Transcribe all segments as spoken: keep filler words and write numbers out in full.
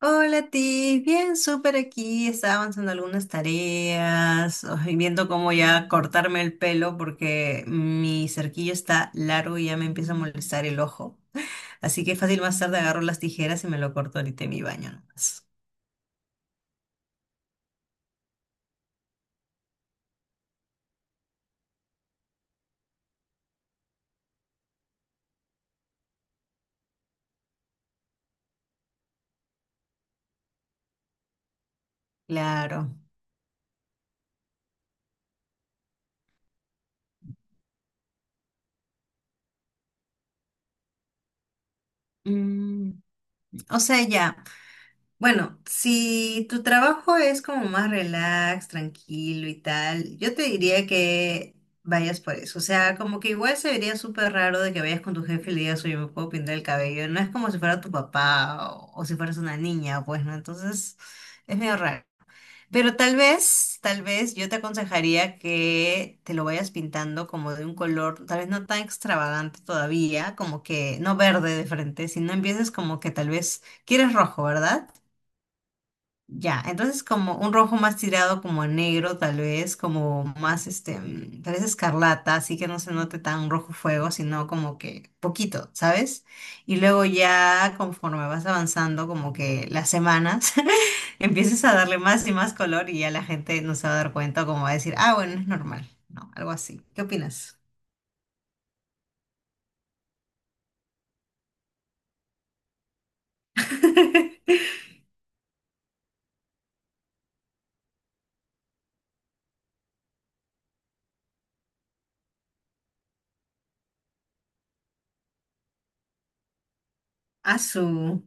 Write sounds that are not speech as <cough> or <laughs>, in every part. Hola, Tiff. Bien, súper aquí. Estaba avanzando algunas tareas ay, viendo cómo ya cortarme el pelo porque mi cerquillo está largo y ya me empieza a molestar el ojo. Así que fácil más tarde agarro las tijeras y me lo corto ahorita en mi baño nomás. Claro. Mm, o sea, ya. Bueno, si tu trabajo es como más relax, tranquilo y tal, yo te diría que vayas por eso. O sea, como que igual se vería súper raro de que vayas con tu jefe y le digas, oye, me puedo pintar el cabello. No es como si fuera tu papá o, o si fueras una niña, pues, ¿no? Entonces, es medio raro. Pero tal vez, tal vez yo te aconsejaría que te lo vayas pintando como de un color, tal vez no tan extravagante todavía, como que no verde de frente, sino empieces como que tal vez quieres rojo, ¿verdad? Ya, entonces como un rojo más tirado como a negro, tal vez, como más este, mm, tal vez escarlata, así que no se note tan rojo fuego, sino como que poquito, ¿sabes? Y luego ya conforme vas avanzando, como que las semanas, <laughs> empieces a darle más y más color y ya la gente no se va a dar cuenta, como va a decir, ah, bueno, es normal, ¿no? Algo así. ¿Qué opinas? <laughs> Azul.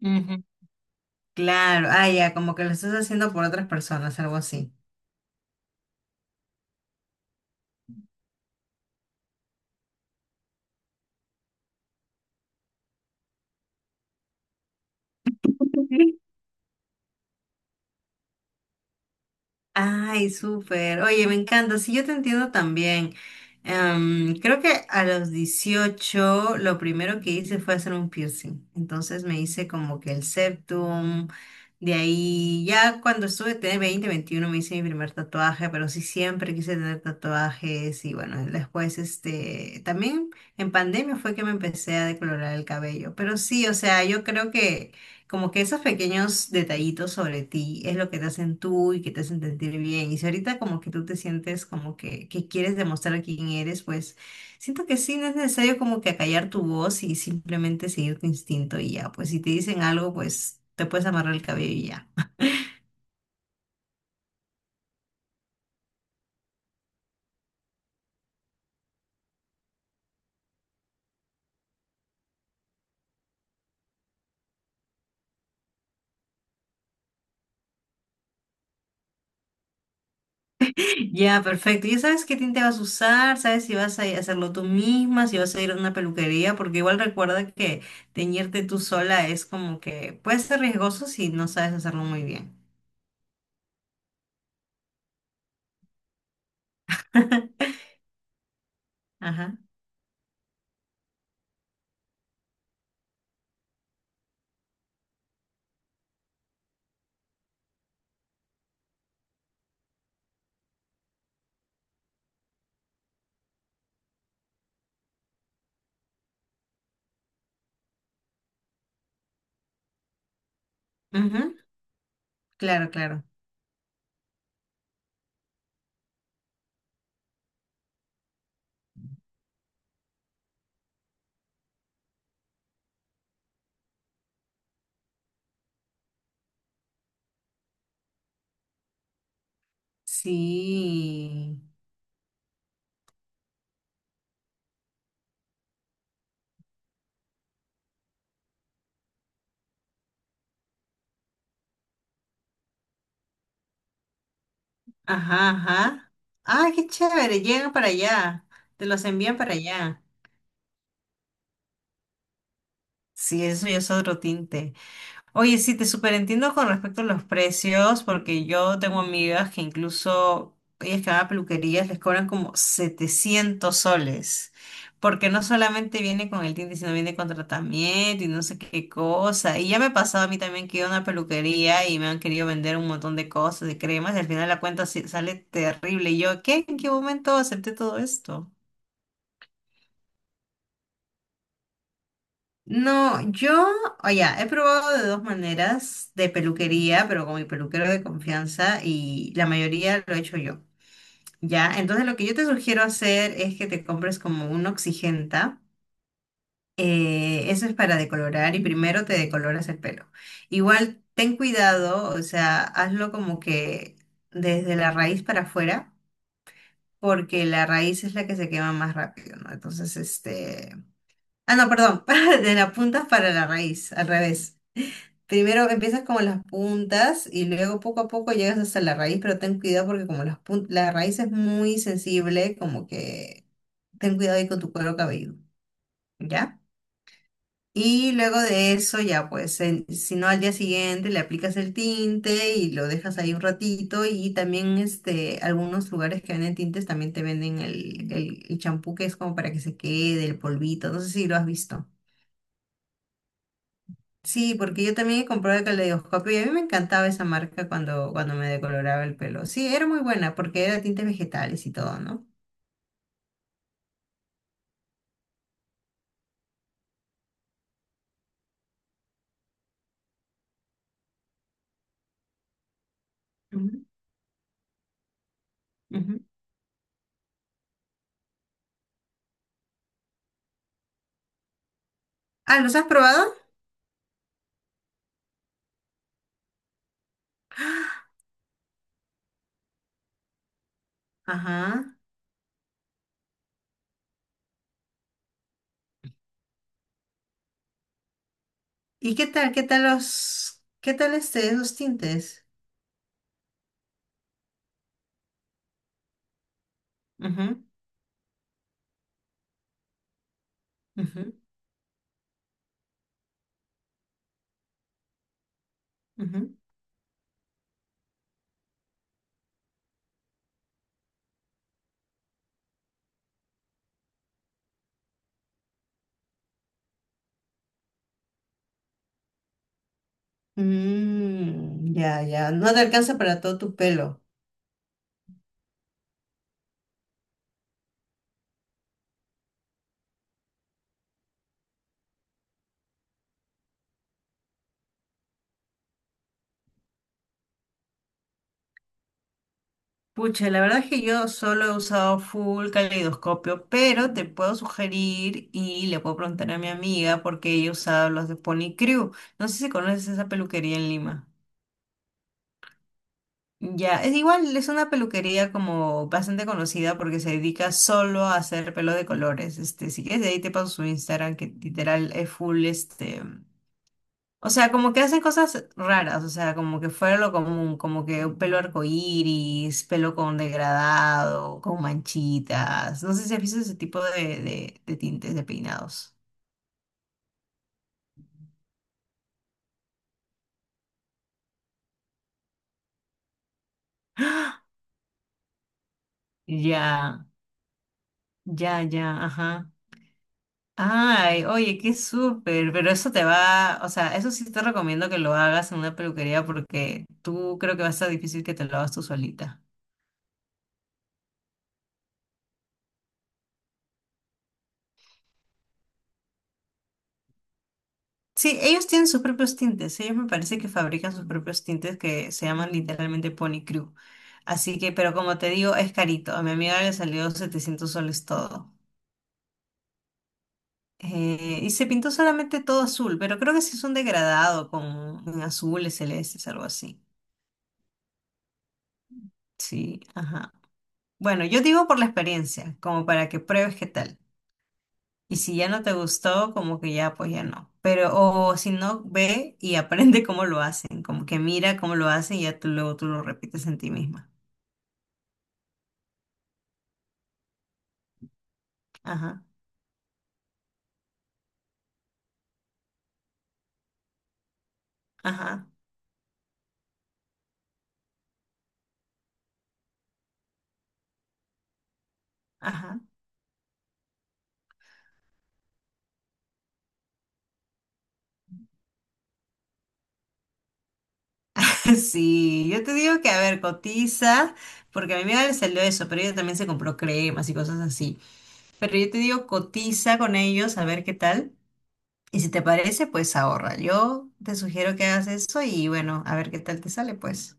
Su Claro, ah, ya, como que lo estás haciendo por otras personas, algo así. Ay, súper. Oye, me encanta. Sí, yo te entiendo también. Em, creo que a los dieciocho lo primero que hice fue hacer un piercing. Entonces me hice como que el septum. De ahí, ya cuando estuve, tenía veinte, veintiuno me hice mi primer tatuaje, pero sí siempre quise tener tatuajes. Y bueno, después, este, también en pandemia fue que me empecé a decolorar el cabello. Pero sí, o sea, yo creo que como que esos pequeños detallitos sobre ti es lo que te hacen tú y que te hacen sentir bien. Y si ahorita como que tú te sientes como que, que quieres demostrar quién eres, pues siento que sí, no es necesario como que acallar tu voz y simplemente seguir tu instinto y ya. Pues si te dicen algo, pues te puedes amarrar el cabello y ya. <laughs> Ya, perfecto. Ya sabes qué tinte vas a usar, sabes si vas a hacerlo tú misma, si vas a ir a una peluquería, porque igual recuerda que teñirte tú sola es como que puede ser riesgoso si no sabes hacerlo muy bien. <laughs> Ajá. Ujú. Claro, claro. Sí. Ajá, ajá. Ah, qué chévere. Llegan para allá. Te los envían para allá. Sí, eso ya es otro tinte. Oye, sí, te superentiendo con respecto a los precios, porque yo tengo amigas que incluso ellas que van a peluquerías les cobran como setecientos soles, porque no solamente viene con el tinte, sino viene con tratamiento y no sé qué cosa. Y ya me ha pasado a mí también que he ido a una peluquería y me han querido vender un montón de cosas, de cremas, y al final la cuenta sí- sale terrible. Y yo, ¿qué? ¿En qué momento acepté todo esto? No, yo, oye, he probado de dos maneras de peluquería, pero con mi peluquero de confianza y la mayoría lo he hecho yo, ¿ya? Entonces lo que yo te sugiero hacer es que te compres como un oxigenta, eh, eso es para decolorar y primero te decoloras el pelo. Igual ten cuidado, o sea, hazlo como que desde la raíz para afuera, porque la raíz es la que se quema más rápido, ¿no? Entonces, este... Ah, no, perdón, <laughs> para- de las puntas para la raíz, al revés. Primero empiezas como las puntas y luego poco a poco llegas hasta la raíz, pero ten cuidado porque como las pun- la raíz es muy sensible, como que ten cuidado ahí con tu cuero cabelludo, ¿ya? Y luego de eso ya pues, en- si no al día siguiente le aplicas el tinte y lo dejas ahí un ratito y también este, algunos lugares que venden tintes también te venden el, el, el champú que es como para que se quede, el polvito, no sé si lo has visto. Sí, porque yo también he comprado el caleidoscopio y a mí me encantaba esa marca cuando, cuando me decoloraba el pelo. Sí, era muy buena porque era tintes vegetales y todo, ¿no? Ujú, ujú. Ah, ¿los has probado? Ajá. ¿Y qué tal? ¿Qué tal los, qué tal este, esos tintes? Ujú, ujú, ujú. Mm, ya, ya. No te alcanza para todo tu pelo. Pucha, la verdad es que yo solo he usado full caleidoscopio, pero te puedo sugerir y le puedo preguntar a mi amiga porque ella usaba los de Pony Crew. No sé si conoces esa peluquería en Lima. Ya, es igual, es una peluquería como bastante conocida porque se dedica solo a hacer pelo de colores. Este, si quieres, de ahí te paso su Instagram, que literal es full, este. O sea, como que hacen cosas raras, o sea, como que fuera lo común, como que un pelo arcoíris, pelo con degradado, con manchitas. No sé si has visto ese tipo de, de, de tintes de peinados. ¡Ah! Ya, ya, ya, ajá. Ay, oye, qué súper, pero eso te va, o sea, eso sí te recomiendo que lo hagas en una peluquería porque tú creo que va a estar difícil que te lo hagas tú solita. Sí, ellos tienen sus propios tintes. Ellos me parece que fabrican sus propios tintes que se llaman literalmente Pony Crew. Así que, pero como te digo, es carito. A mi amiga le salió setecientos soles todo. Eh, y se pintó solamente todo azul, pero creo que sí es un degradado con en azules, celestes, algo así. Sí, ajá. Bueno, yo digo por la experiencia, como para que pruebes qué tal. Y si ya no te gustó, como que ya, pues ya no. Pero, o si no, ve y <laughs> aprende cómo lo hacen, como que mira cómo lo hacen y ya tú luego tú lo repites en ti misma. Ajá, ajá, ajá. <laughs> Sí, yo te digo que, a ver, cotiza, porque a mi amiga le salió eso, pero ella también se compró cremas y cosas así. Pero yo te digo, cotiza con ellos, a ver qué tal. Y si te parece, pues ahorra. Yo te sugiero que hagas eso y bueno, a ver qué tal te sale, pues.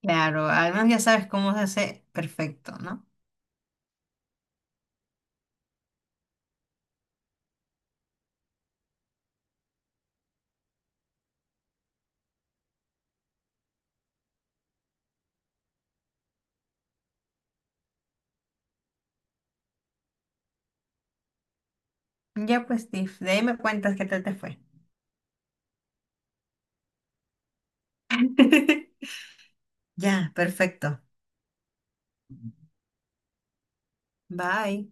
Claro, además ya sabes cómo se hace perfecto, ¿no? Ya pues, Steve, de ahí me cuentas qué tal te fue. <laughs> Ya, perfecto. Bye.